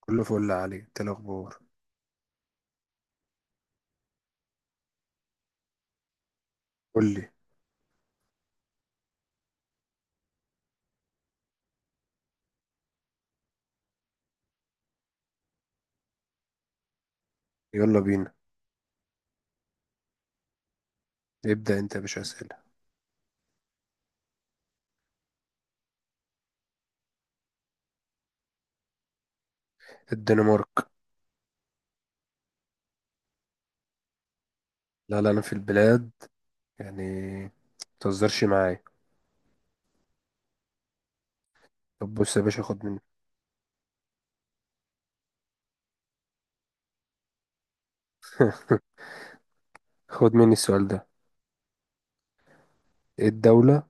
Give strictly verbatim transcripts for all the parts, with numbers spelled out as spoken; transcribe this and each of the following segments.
كله فل علي، انت الاخبار؟ قول لي. يلا بينا. ابدا انت يا باشا، اسئله. الدنمارك. لا لا، انا في البلاد يعني. متهزرش معايا. طب بص يا باشا، خد مني. خد مني السؤال ده. ايه الدوله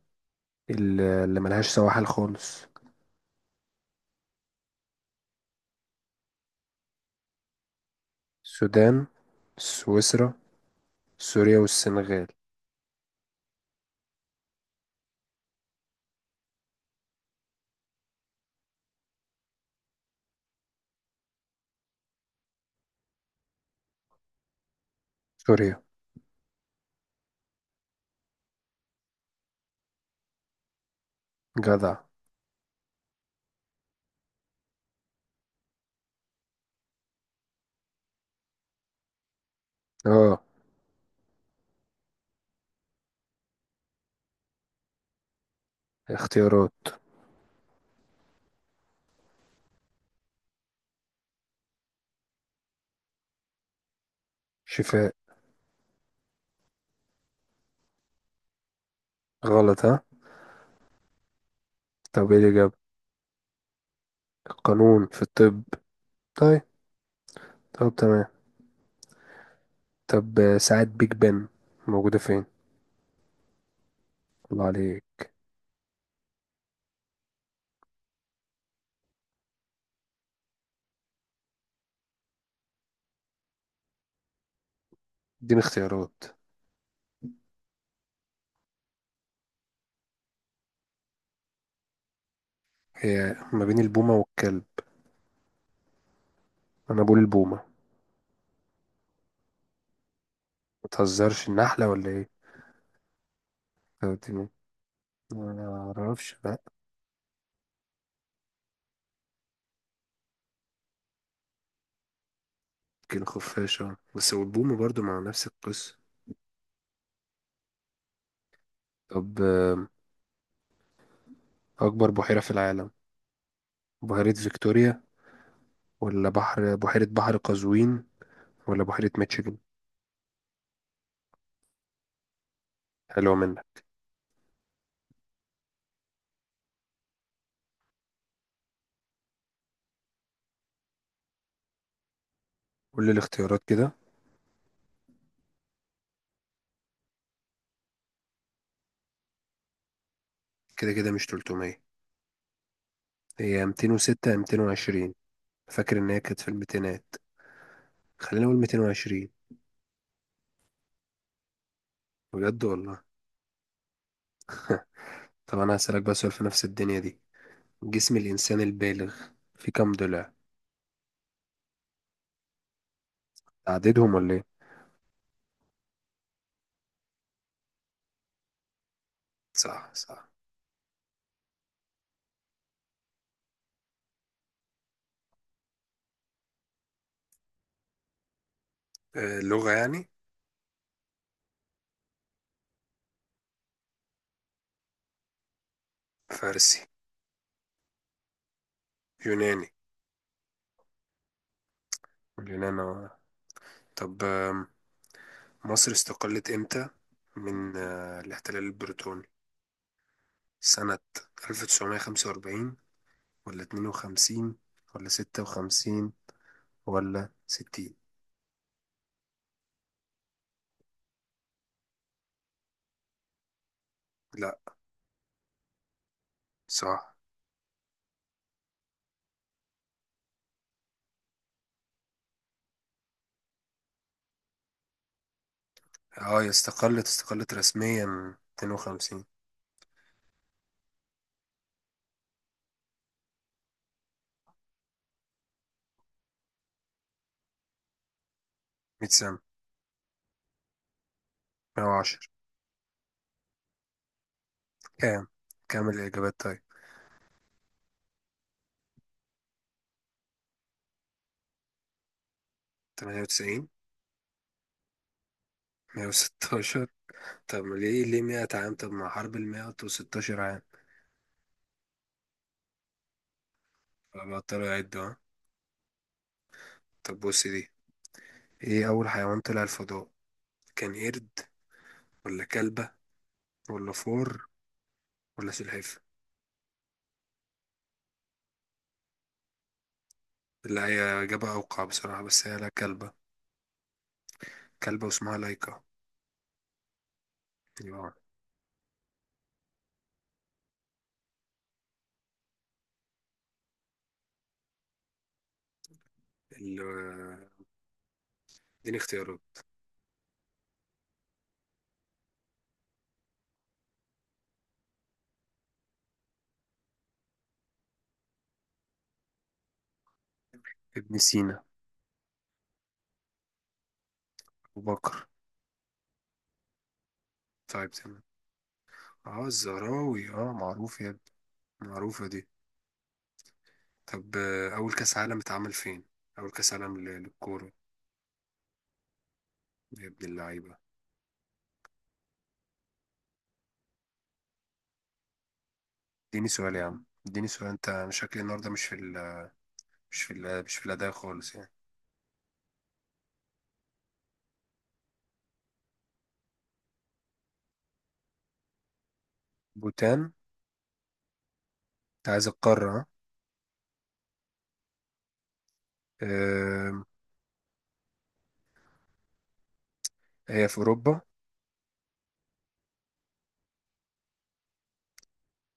اللي اللي ملهاش سواحل خالص؟ السودان، سويسرا، سوريا والسنغال. سوريا. جدع. اه. اختيارات. شفاء. غلط ها؟ طب ايه الإجابة؟ القانون في الطب. طيب. طب تمام. طب. ساعة بيج بن موجودة فين؟ الله عليك. اديني اختيارات. هي ما بين البومة والكلب. انا بقول البومة. ما تهزرش، النحلة ولا ايه؟ طب اديني- ما اعرفش، لا. يمكن خفاشة، بس والبومة برضو مع نفس القصة. طب آم، اكبر بحيرة في العالم؟ بحيرة فيكتوريا، ولا بحر بحيرة بحر قزوين، ولا بحيرة ميتشيجن؟ حلوة منك. كل الاختيارات كده. كده كده مش تلتمية. هي ميتين وستة يا ميتين وعشرين. فاكر ان هي كانت في الميتينات. خلينا نقول ميتين وعشرين. بجد والله. طب انا هسألك بقى سؤال في نفس الدنيا دي. جسم الانسان البالغ، في كم ضلع؟ تعددهم ولا ايه؟ صح، صح. آه، لغة يعني. فارسي، يوناني. اليونان هو- طب آم، مصر استقلت امتى؟ من آه، الاحتلال البريطاني، سنة ألف وتسعمائة وخمسة وأربعين ولا اتنين وخمسين ولا ستة وخمسين ولا ستين؟ لا. صح. اه، هي استقلت استقلت رسميا اتنين وخمسين. مية سنة. مية وعشرة. كام كام الإجابات طيب؟ تمانية وتسعين، مية وستة عشر؟ طب ليه ليه مئة عام؟ طب ما حرب ال مئة وستة عشر عام. فبطلوا يعدوا، ها؟ طب بص دي. ايه أول حيوان طلع الفضاء؟ كان قرد، ولا كلبة، ولا فور، ولا سلحفاة؟ لا، هي إجابة أوقع بصراحة، بس هي لا، كلبة. كلبة واسمها لايكا. يبقى ال- اديني اختيارات. ابن سينا. أبو بكر. طيب تمام. اه، الزهراوي اه معروف يا ابني. معروفة دي. طب آه، أول كأس عالم اتعمل فين؟ أول كأس عالم لل- للكورة. يا ابن اللعيبة. اديني سؤال يا عم، اديني سؤال. انت مش شكلي النهارده، مش في ال مش في ال مش في الأداء خالص يعني. بوتان. انت عايز القارة، ها؟ أم، هي في أوروبا.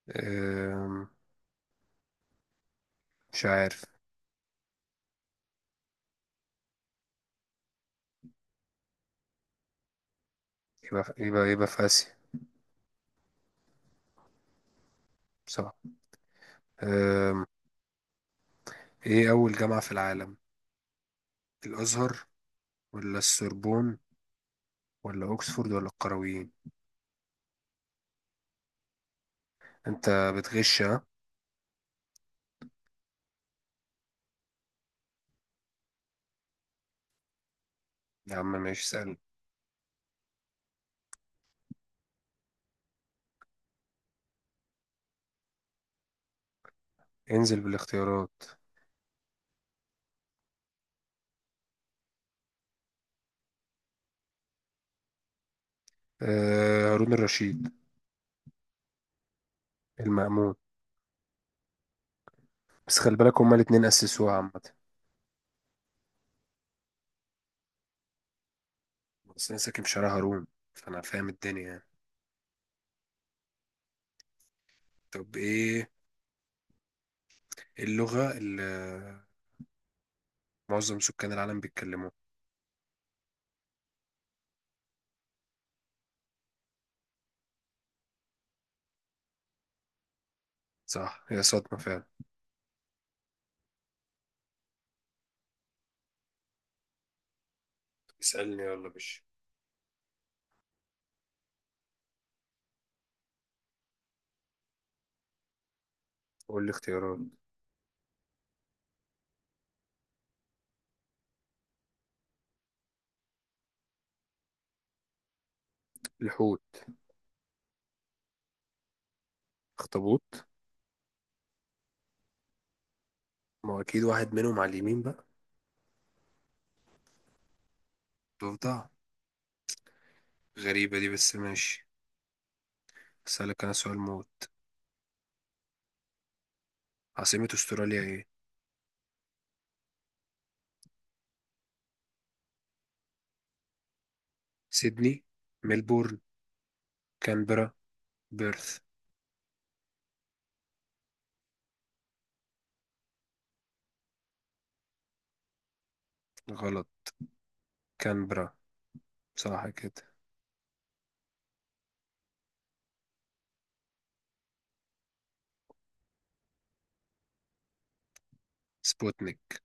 أم، مش عارف. يبقى يبقى يبقى في آسيا. صح. أم، ايه أول جامعة في العالم؟ الأزهر، ولا السوربون، ولا أوكسفورد، ولا القرويين؟ انت بتغش، ها؟ يا عم ماشي، اسأل. انزل بالاختيارات. أه، هارون الرشيد. المأمون. بس خلي بالك، هما الاتنين أسسوها عامة. بس انا ساكن في شارع هارون، فانا فاهم الدنيا يعني. طب ايه اللغة اللي معظم سكان العالم بيتكلموها؟ صح، هي صدمة فعلا. اسألني يلا يا باشا. قول لي اختيارات. الحوت. اخطبوط. ما هو اكيد واحد منهم على اليمين بقى. ضفدع؟ غريبة دي، بس ماشي. اسألك انا سؤال موت. عاصمة استراليا ايه؟ سيدني، ملبورن، كانبرا، بيرث؟ غلط. كانبرا. صح كده. سبوتنيك.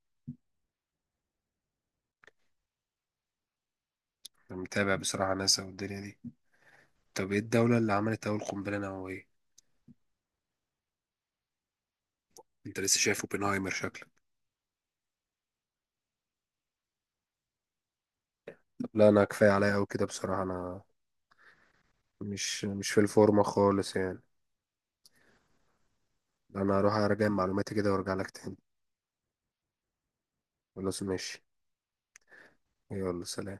أنا متابع بصراحة، ناسا والدنيا دي. طب ايه الدولة اللي عملت أول قنبلة نووية؟ انت لسه شايف اوبنهايمر شكلك. لا، انا كفايه عليا قوي كده بصراحه، انا مش مش في الفورمه خالص يعني. انا هروح اراجع معلوماتي كده وارجع لك تاني. خلاص ماشي. يلا سلام.